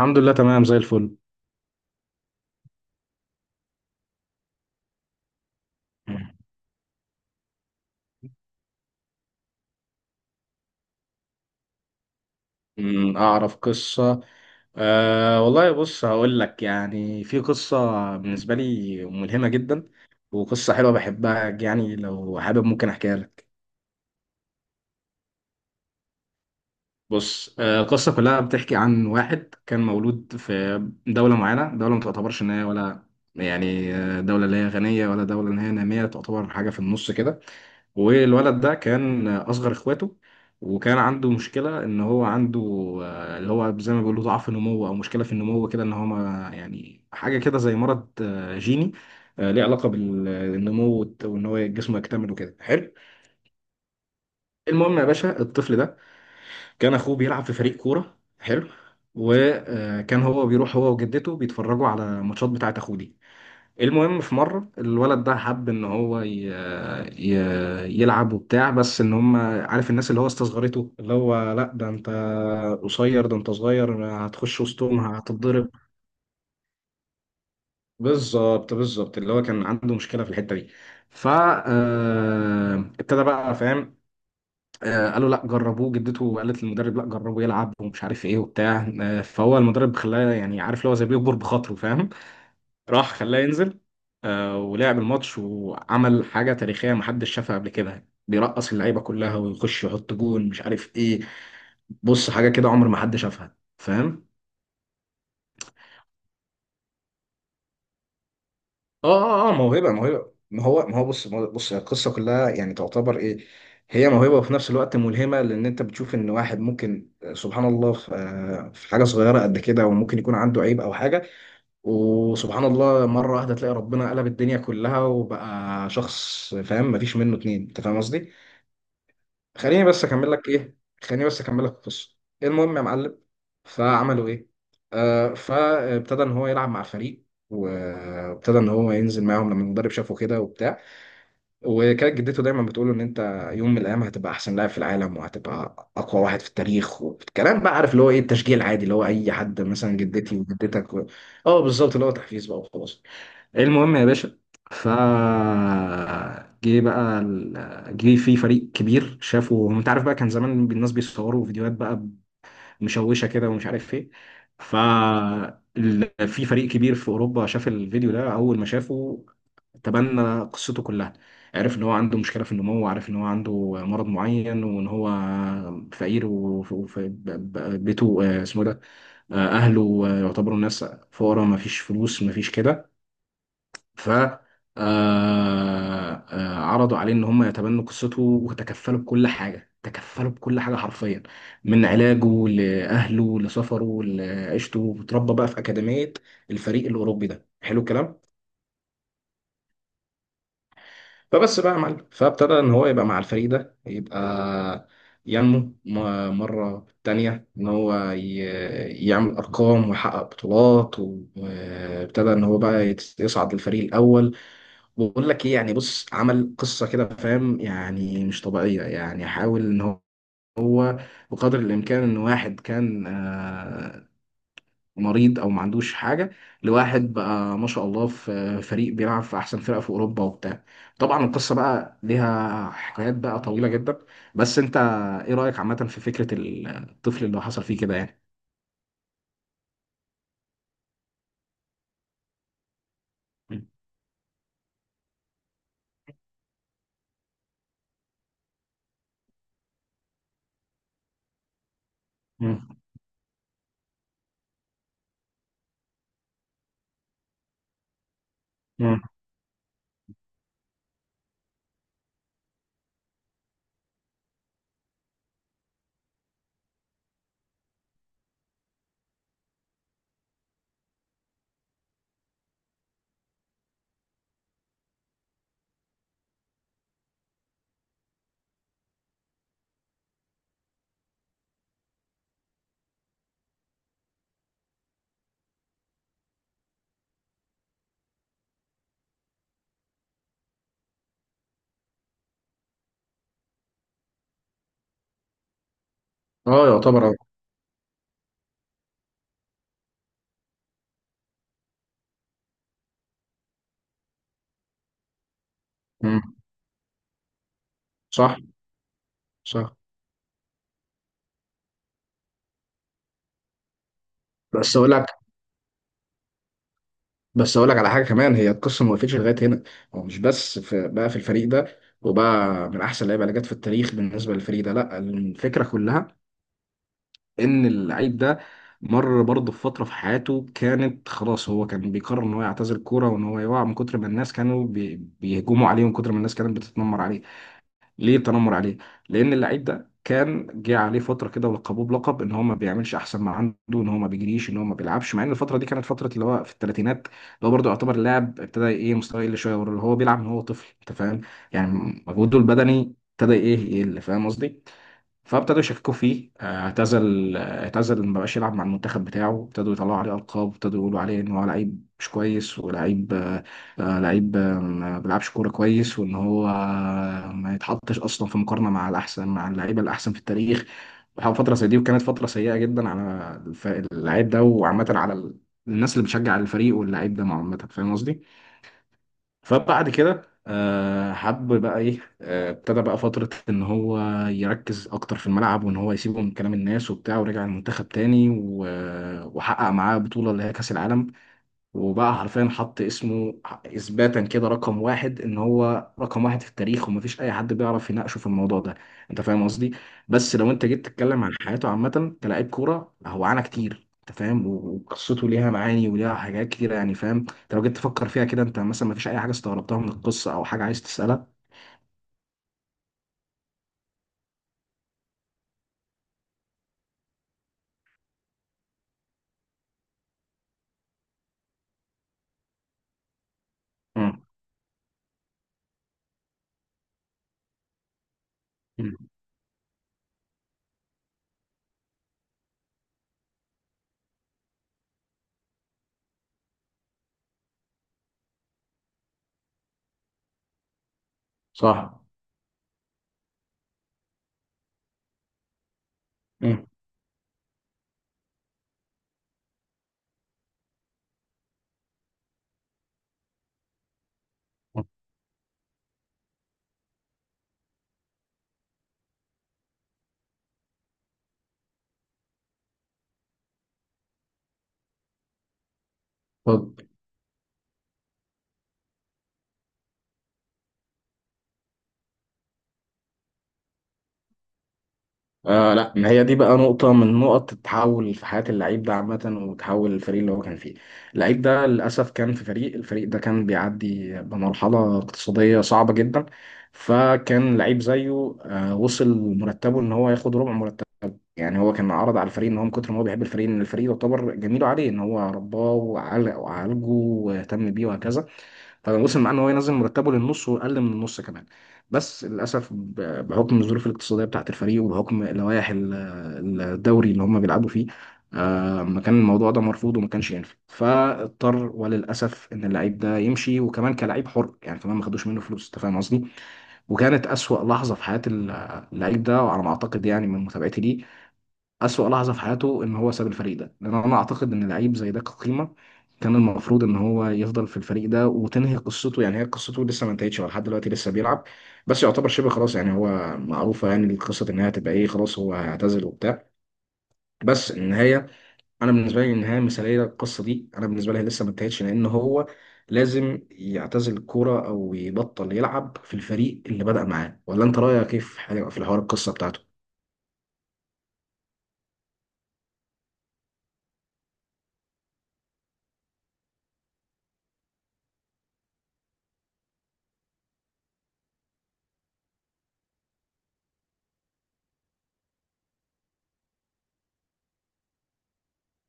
الحمد لله، تمام زي الفل. أعرف قصة. أه، والله بص، هقول لك يعني في قصة بالنسبة لي ملهمة جدا، وقصة حلوة بحبها يعني لو حابب ممكن أحكيها لك. بص، القصة كلها بتحكي عن واحد كان مولود في دولة معينة، دولة ما تعتبرش إن هي ولا يعني دولة اللي هي غنية ولا دولة اللي هي نامية، تعتبر حاجة في النص كده. والولد ده كان أصغر إخواته، وكان عنده مشكلة إن هو عنده اللي هو زي ما بيقولوا ضعف نمو أو مشكلة في النمو كده، إن هو ما يعني حاجة كده زي مرض جيني، ليه علاقة بالنمو وإن هو جسمه يكتمل وكده، حلو. المهم يا باشا، الطفل ده كان اخوه بيلعب في فريق كوره حلو، وكان هو بيروح هو وجدته بيتفرجوا على ماتشات بتاعه اخوه دي. المهم، في مره الولد ده حب ان هو ي... يلعب وبتاع، بس ان هم عارف الناس اللي هو استصغرته، اللي هو لا ده انت قصير، ده انت صغير هتخش وسطهم هتتضرب. بالظبط بالظبط، اللي هو كان عنده مشكله في الحته دي. فابتدى بقى فاهم، قالوا لا جربوه، جدته قالت للمدرب لا جربه يلعب ومش عارف ايه وبتاع، فهو المدرب خلاه، يعني عارف اللي هو زي بيكبر بخاطره، فاهم. راح خلاه ينزل، ولعب الماتش وعمل حاجة تاريخية محدش شافها قبل كده، بيرقص اللعيبة كلها ويخش يحط جون مش عارف ايه، بص حاجة كده عمر ما حد شافها، فاهم. اه اه، موهبة موهبة، ما هو بص بص القصة كلها يعني تعتبر ايه. هي موهبة وفي نفس الوقت ملهمة، لأن أنت بتشوف إن واحد ممكن سبحان الله في في حاجة صغيرة قد كده وممكن يكون عنده عيب أو حاجة، وسبحان الله مرة واحدة تلاقي ربنا قلب الدنيا كلها وبقى شخص فاهم مفيش منه اتنين، أنت فاهم قصدي؟ خليني بس اكمل لك ايه، خليني بس اكمل لك القصه. المهم يا معلم، فعملوا ايه، فابتدى ان هو يلعب مع الفريق، وابتدى ان هو ينزل معاهم لما المدرب شافه كده وبتاع، وكانت جدته دايما بتقول له ان انت يوم من الايام هتبقى احسن لاعب في العالم وهتبقى اقوى واحد في التاريخ والكلام، بقى عارف اللي هو ايه، التشجيع العادي اللي هو اي حد مثلا جدتي وجدتك اه بالظبط، اللي هو تحفيز بقى وخلاص. المهم يا باشا، ف جه بقى جه في فريق كبير، شافوا انت عارف بقى كان زمان الناس بيصوروا فيديوهات بقى مشوشه كده ومش عارف ايه، ف في فريق كبير في اوروبا شاف الفيديو ده، اول ما شافه تبنى قصته كلها، عرف ان هو عنده مشكله في النمو وعرف ان هو عنده مرض معين وان هو فقير وبيته اسمه إيه ده، اهله يعتبروا ناس فقراء، ما فيش فلوس ما فيش كده، ف عرضوا عليه ان هم يتبنوا قصته وتكفلوا بكل حاجه، تكفلوا بكل حاجه حرفيا، من علاجه لاهله لسفره لعيشته، اتربى بقى في اكاديميه الفريق الاوروبي ده، حلو الكلام. فبس بقى يا معلم، فابتدى ان هو يبقى مع الفريق ده، يبقى ينمو مره تانية ان هو يعمل ارقام ويحقق بطولات، وابتدى ان هو بقى يصعد للفريق الاول. بقول لك ايه يعني، بص عمل قصه كده، فاهم يعني مش طبيعيه، يعني حاول ان هو بقدر الامكان ان واحد كان مريض او ما عندوش حاجه، لواحد بقى ما شاء الله في فريق بيلعب في احسن فرقه في اوروبا وبتاع. طبعا القصه بقى ليها حكايات بقى طويله جدا، بس انت ايه رايك عامه في فكره الطفل اللي حصل فيه كده يعني. مم. مم. مم. اه يعتبر اه. مم. صح. صح. بس اقول لك بس اقول لك على حاجه كمان، هي القصه ما وقفتش لغايه هنا، هو مش بس في بقى في الفريق ده وبقى من احسن اللعيبه اللي جت في التاريخ بالنسبه للفريق ده، لا الفكره كلها ان اللعيب ده مر برضه في فتره في حياته كانت خلاص، هو كان بيقرر ان هو يعتزل الكوره وان هو يقع، من كتر ما الناس كانوا بيهجموا عليه ومن كتر ما الناس كانت بتتنمر عليه. ليه التنمر عليه؟ لأن اللعيب ده كان جه عليه فترة كده ولقبوه بلقب إن هو ما بيعملش أحسن ما عنده، إن هو ما بيجريش، إن هو ما بيلعبش، مع إن الفترة دي كانت فترة اللي هو في الثلاثينات، اللي هو برضه يعتبر اللاعب ابتدى إيه مستواه يقل شوية، واللي هو بيلعب من هو طفل، أنت فاهم؟ يعني مجهوده البدني ابتدى إيه يقل، فاهم قصدي؟ فابتدوا يشككوا فيه، اعتزل ما بقاش يلعب مع المنتخب بتاعه، ابتدوا يطلعوا عليه القاب، ابتدوا يقولوا عليه ان هو لعيب مش كويس، ولعيب آه، آه، لعيب آه، ما بيلعبش كوره كويس، وان هو ما يتحطش اصلا في مقارنه مع الاحسن، مع اللعيبه الاحسن في التاريخ. وحاول فتره زي دي، وكانت فتره سيئه جدا على اللعيب ده وعامه على الناس اللي بتشجع الفريق واللعيب ده عامه، فاهم قصدي؟ فبعد كده حب بقى ايه، ابتدى بقى فترة ان هو يركز اكتر في الملعب وان هو يسيبه من كلام الناس وبتاع، ورجع المنتخب تاني وحقق معاه بطولة اللي هي كأس العالم، وبقى حرفيا حط اسمه اثباتا كده رقم واحد، ان هو رقم واحد في التاريخ ومفيش اي حد بيعرف يناقشه في الموضوع ده، انت فاهم قصدي. بس لو انت جيت تتكلم عن حياته عامه كلاعب كوره، هو عانى كتير انت فاهم، وقصته ليها معاني وليها حاجات كتير يعني، فاهم، انت لو جيت تفكر فيها كده، انت مثلا مفيش اي حاجه استغربتها من القصه او حاجه عايز تسالها؟ مم. مم. صح. مم. اتفضل. آه لا، ما هي دي بقى نقطة من نقط التحول في حياة اللعيب ده عامة، وتحول الفريق اللي هو كان فيه. اللعيب ده للأسف كان في فريق، الفريق ده كان بيعدي بمرحلة اقتصادية صعبة جدا، فكان لعيب زيه وصل مرتبه إن هو ياخد ربع مرتبه، يعني هو كان عرض على الفريق إن هو من كتر ما هو بيحب الفريق، إن الفريق يعتبر جميل عليه إن هو رباه وعالجه واهتم بيه وهكذا، فوصل معاه ان هو ينزل مرتبه للنص واقل من النص كمان. بس للاسف بحكم الظروف الاقتصاديه بتاعه الفريق وبحكم لوائح الدوري اللي هم بيلعبوا فيه، ما كان الموضوع ده مرفوض وما كانش ينفع، فاضطر وللاسف ان اللعيب ده يمشي، وكمان كلاعب حر يعني، كمان ما خدوش منه فلوس انت فاهم قصدي. وكانت اسوأ لحظه في حياه اللعيب ده، وعلى ما اعتقد يعني من متابعتي ليه، أسوأ لحظة في حياته إن هو ساب الفريق ده، لأن أنا أعتقد إن لعيب زي ده كقيمة كان المفروض إن هو يفضل في الفريق ده وتنهي قصته، يعني هي قصته لسه ما انتهتش، هو لحد دلوقتي لسه بيلعب، بس يعتبر شبه خلاص، يعني هو معروفة يعني القصة إن هي هتبقى إيه، خلاص هو هيعتزل وبتاع، بس النهاية أنا بالنسبة لي النهاية مثالية للقصة دي، أنا بالنسبة لي لسه ما انتهتش، لأن هو لازم يعتزل الكورة أو يبطل يلعب في الفريق اللي بدأ معاه، ولا أنت رأيك كيف في في الحوار القصة بتاعته؟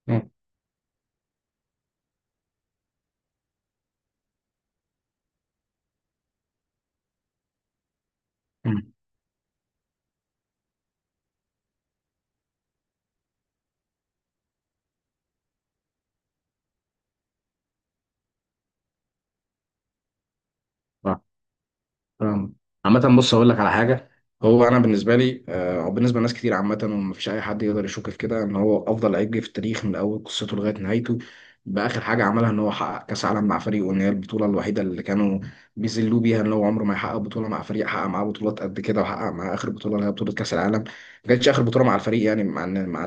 مم. مم. فاهم. عامة بص هقول لك على حاجة، هو أنا بالنسبة لي أو بالنسبة لناس كتير عامة، ومفيش أي حد يقدر يشك في كده، إن هو أفضل لعيب جه في التاريخ من أول قصته لغاية نهايته، بآخر حاجة عملها إن هو حقق كأس عالم مع فريقه، إن هي البطولة الوحيدة اللي كانوا بيذلوه بيها، إن هو عمره ما يحقق بطولة مع فريق، حقق معاه بطولات قد كده وحقق معاه آخر بطولة اللي هي بطولة كأس العالم. ما كانتش آخر بطولة مع الفريق، يعني مع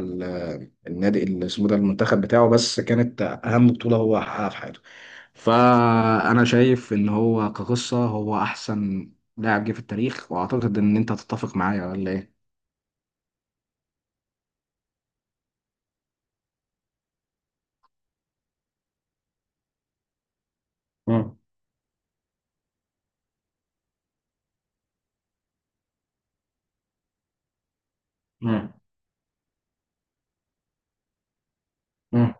النادي اسمه ده، المنتخب بتاعه، بس كانت اهم بطولة هو حققها في حياته، فانا شايف ان هو كقصة هو احسن لاعب جه في التاريخ، واعتقد ان انت هتتفق معايا ولا ايه. مم. مم. مم.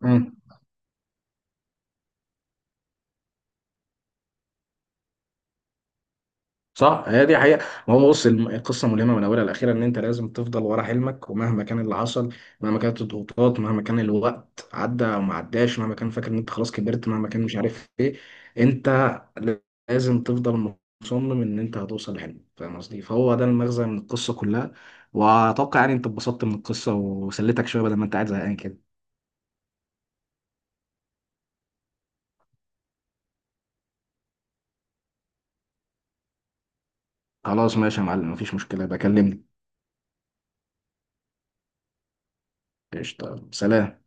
مم. صح هي دي حقيقة. ما هو بص القصة ملهمة من أولها لأخيرا، إن أنت لازم تفضل ورا حلمك، ومهما كان اللي حصل، مهما كانت الضغوطات، مهما كان الوقت عدى أو ما عداش، مهما كان فاكر إن أنت خلاص كبرت، مهما كان مش عارف إيه، أنت لازم تفضل مصمم إن أنت هتوصل لحلمك، فاهم قصدي، فهو ده المغزى من القصة كلها. وأتوقع يعني أنت اتبسطت من القصة وسليتك شوية بدل ما أنت قاعد زهقان كده. خلاص ماشي يا معلم، مفيش مشكلة، بكلمني. قشطة، سلام.